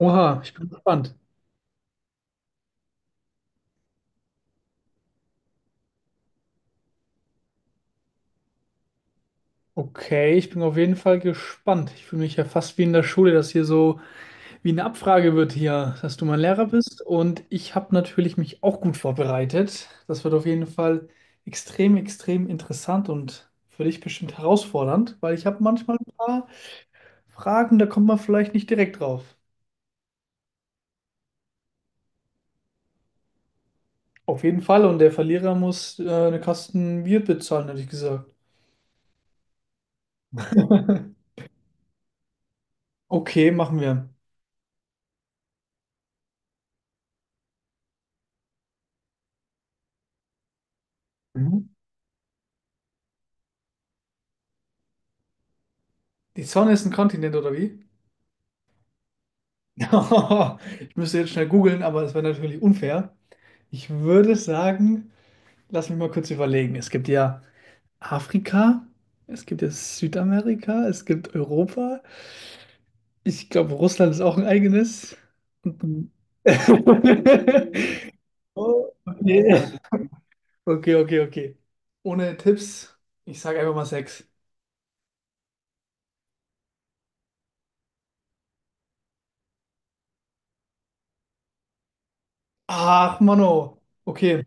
Oha, ich bin gespannt. Okay, ich bin auf jeden Fall gespannt. Ich fühle mich ja fast wie in der Schule, dass hier so wie eine Abfrage wird hier, dass du mein Lehrer bist. Und ich habe natürlich mich auch gut vorbereitet. Das wird auf jeden Fall extrem, extrem interessant und für dich bestimmt herausfordernd, weil ich habe manchmal ein paar Fragen, da kommt man vielleicht nicht direkt drauf. Auf jeden Fall. Und der Verlierer muss eine Kasten Bier bezahlen, hätte ich gesagt. Okay, machen wir. Mhm. Die Sonne ist ein Kontinent, oder wie? Ich müsste jetzt schnell googeln, aber das wäre natürlich unfair. Ich würde sagen, lass mich mal kurz überlegen. Es gibt ja Afrika, es gibt ja Südamerika, es gibt Europa. Ich glaube, Russland ist auch ein eigenes. Und- Oh, okay. Okay, okay, okay. Ohne Tipps, ich sage einfach mal sechs. Ach, Mano. Okay,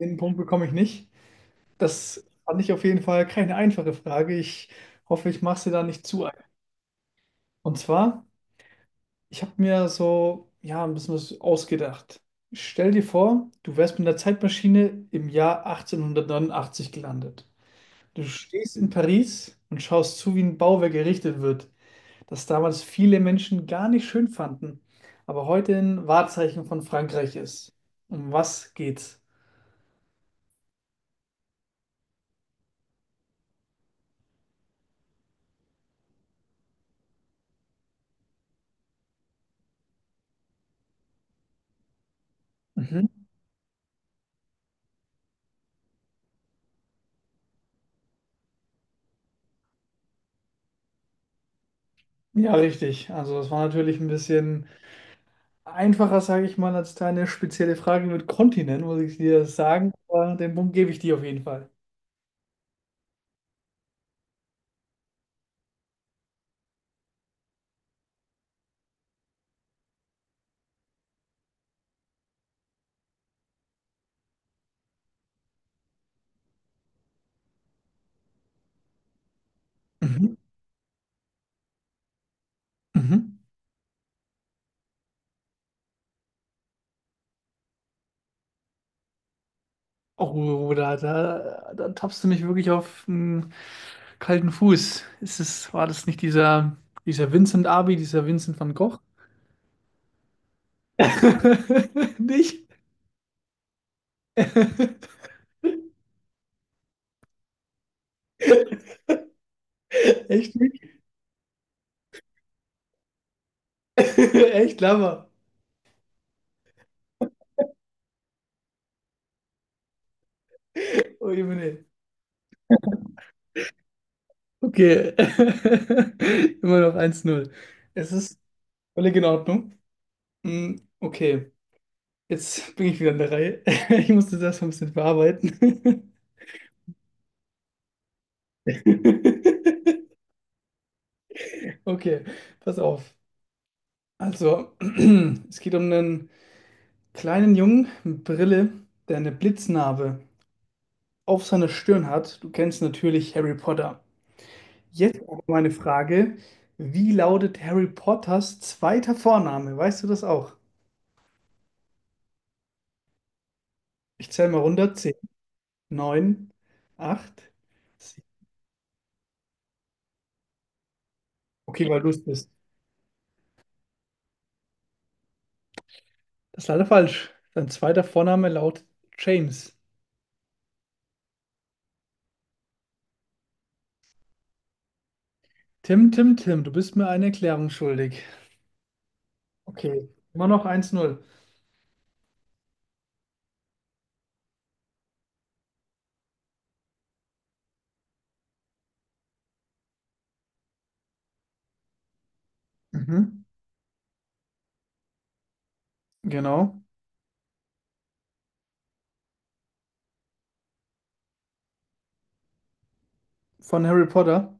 den Punkt bekomme ich nicht. Das fand ich auf jeden Fall keine einfache Frage. Ich hoffe, ich mache sie da nicht zu einfach. Und zwar, ich habe mir so, ja, ein bisschen was ausgedacht. Stell dir vor, du wärst mit einer Zeitmaschine im Jahr 1889 gelandet. Du stehst in Paris und schaust zu, wie ein Bauwerk errichtet wird, das damals viele Menschen gar nicht schön fanden, aber heute ein Wahrzeichen von Frankreich ist. Um was geht's? Mhm. Ja, richtig. Also, das war natürlich ein bisschen einfacher, sage ich mal, als deine spezielle Frage mit Kontinent, muss ich dir sagen. Aber den Punkt gebe ich dir auf jeden Fall. Mhm. Mhm. Oh, da tappst du mich wirklich auf den kalten Fuß. Ist es, war das nicht dieser Vincent Abi, dieser Vincent van Gogh? Nicht? Echt nicht? Echt Lama. Oh, Jemine. Okay. Immer noch eins null. Es ist völlig in Ordnung. Mm, Okay. Jetzt bin ich wieder in der Reihe. Ich musste das erstmal ein bisschen verarbeiten. Okay, pass auf. Also, es geht um einen kleinen Jungen mit Brille, der eine Blitznarbe auf seiner Stirn hat. Du kennst natürlich Harry Potter. Jetzt aber meine Frage: Wie lautet Harry Potters zweiter Vorname? Weißt du das auch? Ich zähle mal runter: 10, 9, 8. 7. Okay, weil du es bist. Das ist leider falsch. Sein zweiter Vorname lautet James. Tim, du bist mir eine Erklärung schuldig. Okay, immer noch eins null. Mhm, genau. Von Harry Potter.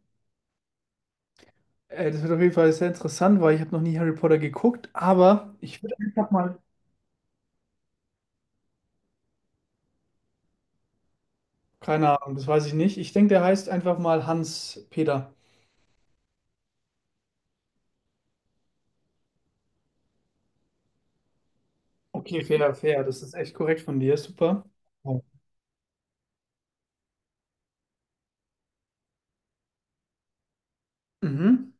Das wird auf jeden Fall sehr interessant, weil ich habe noch nie Harry Potter geguckt, aber ich würde einfach mal. Keine Ahnung, das weiß ich nicht. Ich denke, der heißt einfach mal Hans Peter. Okay, fair, fair. Das ist echt korrekt von dir. Super. Ja. Mhm,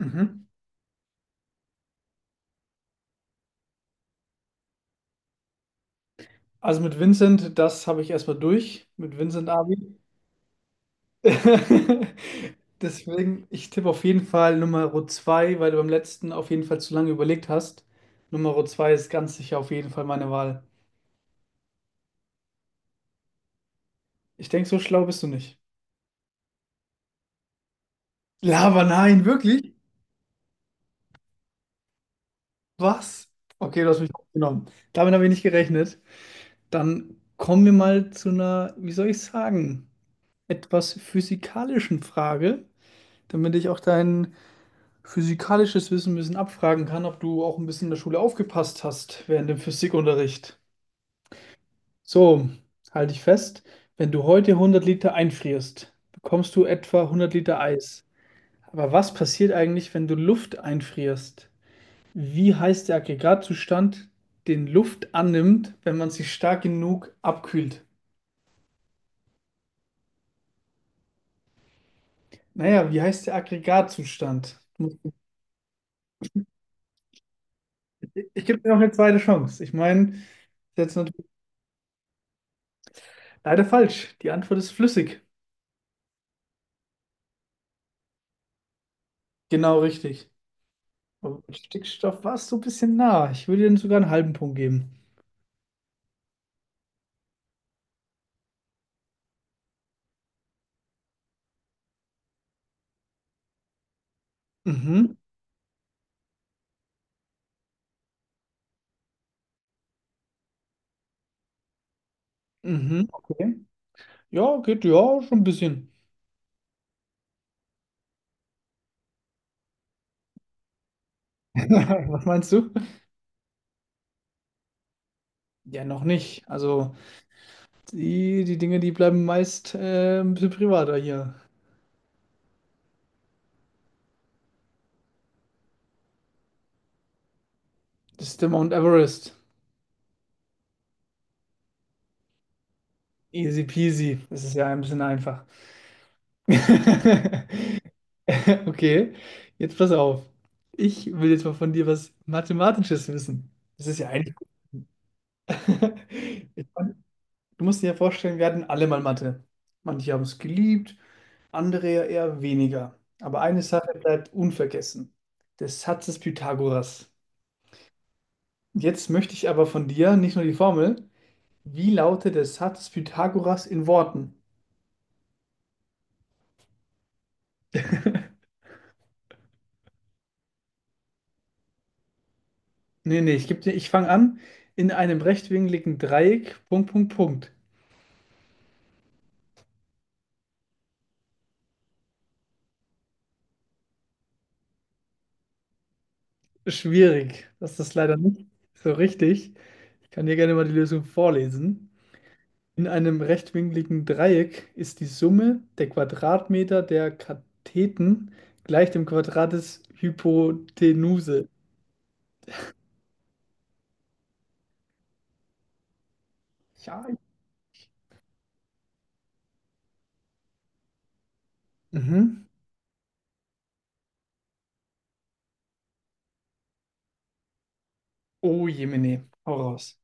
mhm. Also mit Vincent, das habe ich erstmal durch. Mit Vincent Abi. Deswegen, ich tippe auf jeden Fall Nummer 2, weil du beim letzten auf jeden Fall zu lange überlegt hast. Nummer 2 ist ganz sicher auf jeden Fall meine Wahl. Ich denke, so schlau bist du nicht. Lava, nein, wirklich? Was? Okay, du hast mich genommen. Damit habe ich nicht gerechnet. Dann kommen wir mal zu einer, wie soll ich sagen, etwas physikalischen Frage, damit ich auch dein physikalisches Wissen ein bisschen abfragen kann, ob du auch ein bisschen in der Schule aufgepasst hast während dem Physikunterricht. So, halte ich fest, wenn du heute hundert Liter einfrierst, bekommst du etwa hundert Liter Eis. Aber was passiert eigentlich, wenn du Luft einfrierst? Wie heißt der Aggregatzustand, den Luft annimmt, wenn man sie stark genug abkühlt? Naja, wie heißt der Aggregatzustand? Ich gebe dir noch eine zweite Chance. Ich meine, das ist jetzt natürlich leider falsch. Die Antwort ist flüssig. Genau richtig. Aber mit Stickstoff warst du ein bisschen nah. Ich würde dir sogar einen halben Punkt geben. Mhm, mhm, okay. Ja, geht ja schon ein bisschen. Was meinst du? Ja, noch nicht. Also, die Dinge, die bleiben meist ein bisschen privater hier. Das ist der Mount Everest. Easy peasy. Das ist ja ein bisschen einfach. Okay, jetzt pass auf. Ich will jetzt mal von dir was Mathematisches wissen. Das ist ja eigentlich. Ich meine, du musst dir ja vorstellen, wir hatten alle mal Mathe. Manche haben es geliebt, andere ja eher weniger. Aber eine Sache Okay bleibt unvergessen, der Satz des Pythagoras. Jetzt möchte ich aber von dir nicht nur die Formel, wie lautet der Satz des Pythagoras in Worten? Nee, ich fange an. In einem rechtwinkligen Dreieck, Punkt, Punkt, Punkt. Schwierig. Das ist leider nicht so richtig. Ich kann dir gerne mal die Lösung vorlesen. In einem rechtwinkligen Dreieck ist die Summe der Quadratmeter der Katheten gleich dem Quadrat des Hypotenuse. Ja. Mhm. Oh, Jemine, hau raus.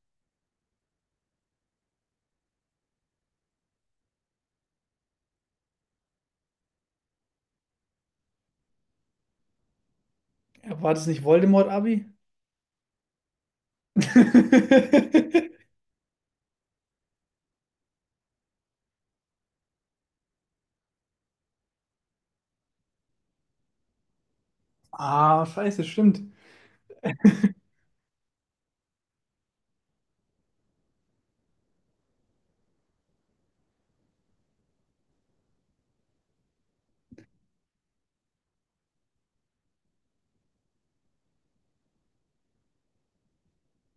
Ja, war das nicht Voldemort-Abi? Ah, scheiße, stimmt.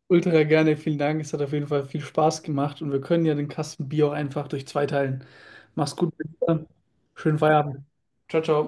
Ultra gerne, vielen Dank. Es hat auf jeden Fall viel Spaß gemacht und wir können ja den Kasten Bier auch einfach durch zwei teilen. Mach's gut, schönen Feierabend. Ciao, ciao.